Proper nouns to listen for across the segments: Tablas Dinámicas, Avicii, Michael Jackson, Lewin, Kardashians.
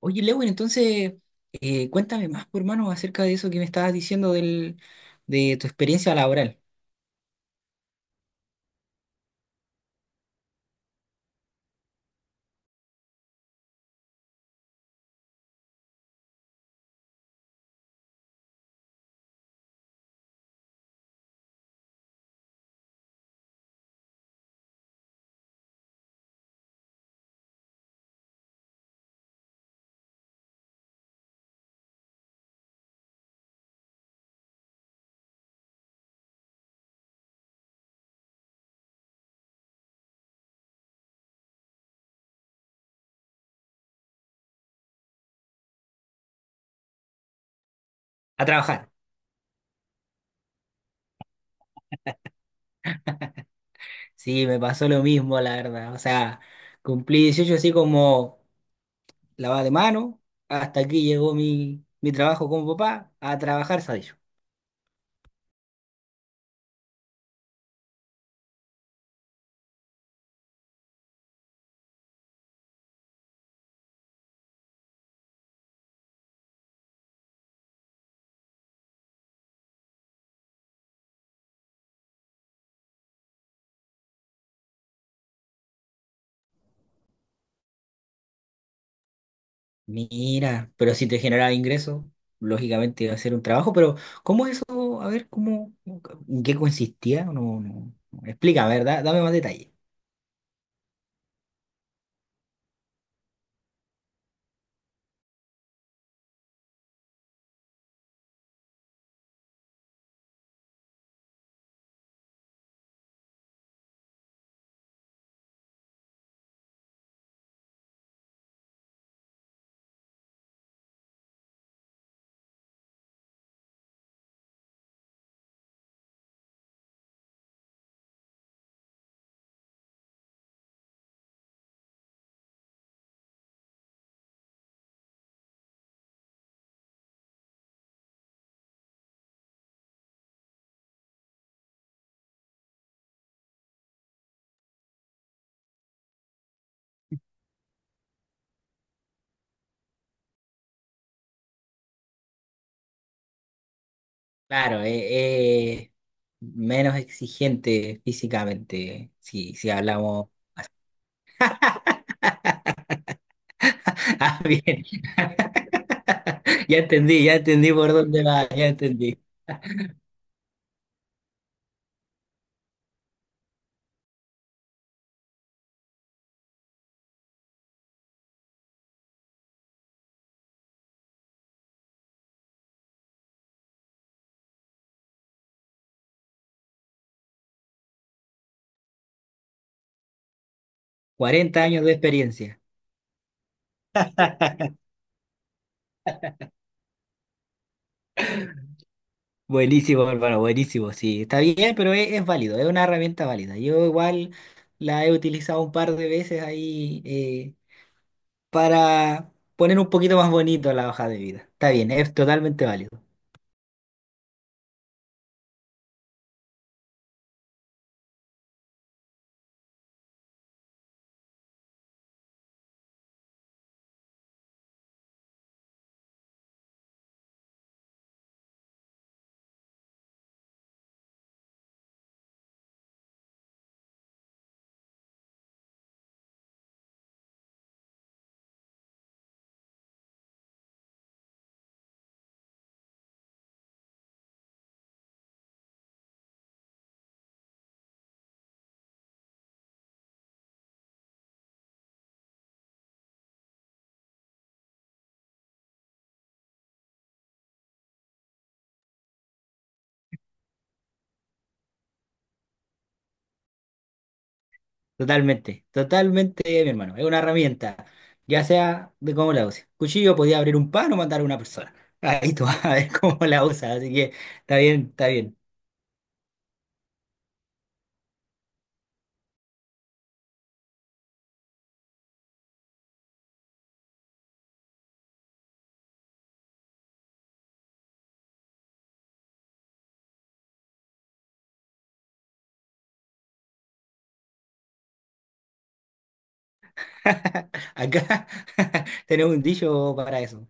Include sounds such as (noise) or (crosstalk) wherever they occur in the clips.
Oye, Lewin, entonces cuéntame más, por hermano, acerca de eso que me estabas diciendo del, de tu experiencia laboral. A trabajar. Sí, me pasó lo mismo, la verdad. O sea, cumplí 18 así como lavada de mano. Hasta aquí llegó mi trabajo como papá a trabajar, sabes. Mira, pero si te generaba ingresos, lógicamente iba a ser un trabajo, pero ¿cómo es eso? A ver, ¿cómo, en qué consistía? No, no. Explica, ¿verdad? Dame más detalles. Claro, menos exigente físicamente, si hablamos. (laughs) Ah, bien. (laughs) Ya entendí por dónde va, ya entendí. 40 años de experiencia. Buenísimo, hermano, buenísimo. Sí, está bien, pero es válido, es una herramienta válida. Yo igual la he utilizado un par de veces ahí para poner un poquito más bonito la hoja de vida. Está bien, es totalmente válido. Totalmente, totalmente, mi hermano. Es una herramienta, ya sea de cómo la uses. Cuchillo podía abrir un pan o matar a una persona. (laughs) Ahí tú vas a ver cómo la usas, así que está bien, está bien. (laughs) Acá (laughs) tenemos un dicho para eso.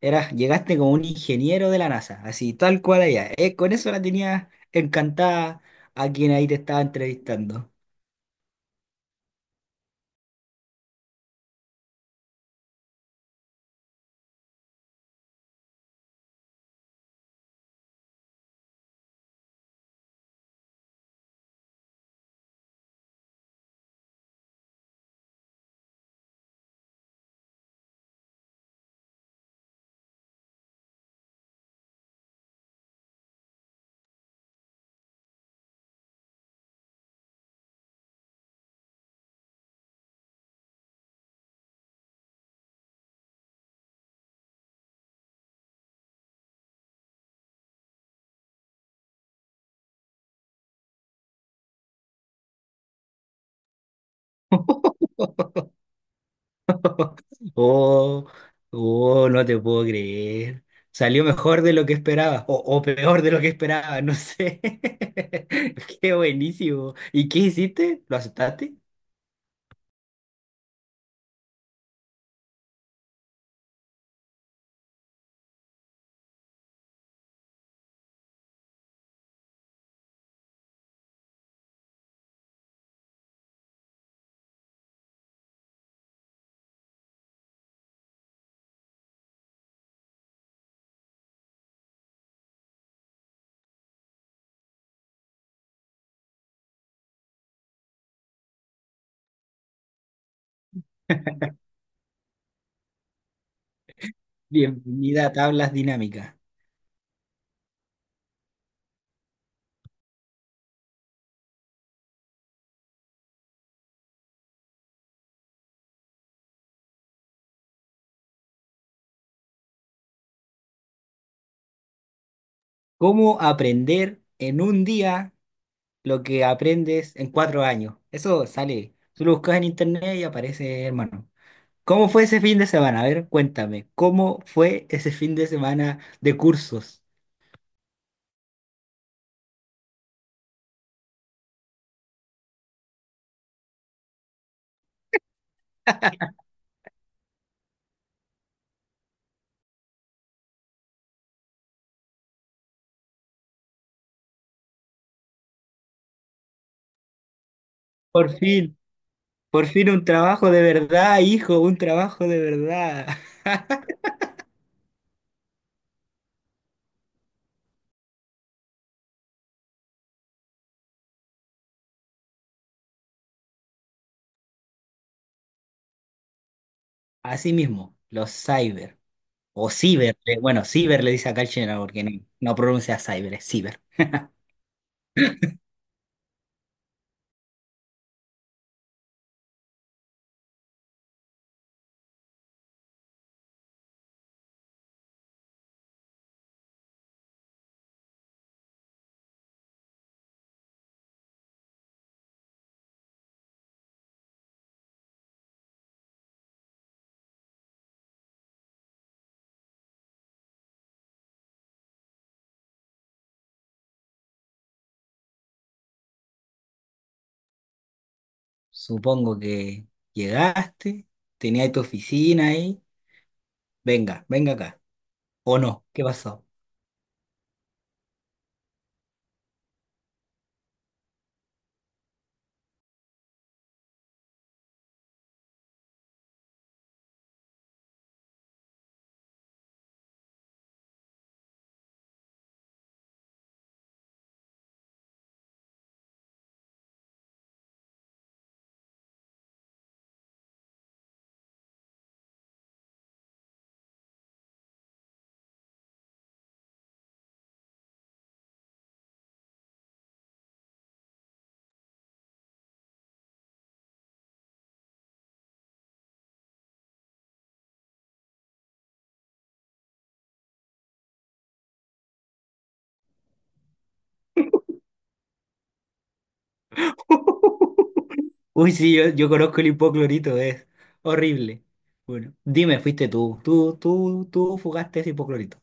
Era, llegaste como un ingeniero de la NASA, así tal cual allá. Con eso la tenías encantada a quien ahí te estaba entrevistando. (laughs) (laughs) Oh, oh, no te puedo creer. Salió mejor de lo que esperaba, o peor de lo que esperaba, no sé. (laughs) Qué buenísimo. ¿Y qué hiciste? ¿Lo aceptaste? (laughs) Bienvenida a tablas dinámicas. ¿Cómo aprender en un día lo que aprendes en 4 años? Eso sale. Tú lo buscas en internet y aparece, hermano. ¿Cómo fue ese fin de semana? A ver, cuéntame. ¿Cómo fue ese fin de semana de cursos? Por fin. Por fin un trabajo de verdad, hijo, un trabajo de verdad. (laughs) Así mismo, los cyber. O ciber. Le- Bueno, ciber le dice acá el chileno porque no, no pronuncia cyber, es ciber. Supongo que llegaste, tenías tu oficina ahí. Venga, venga acá. ¿O no? ¿Qué pasó? (laughs) Uy, sí, yo conozco el hipoclorito, es horrible. Bueno, dime, fuiste tú. Tú fugaste ese hipoclorito.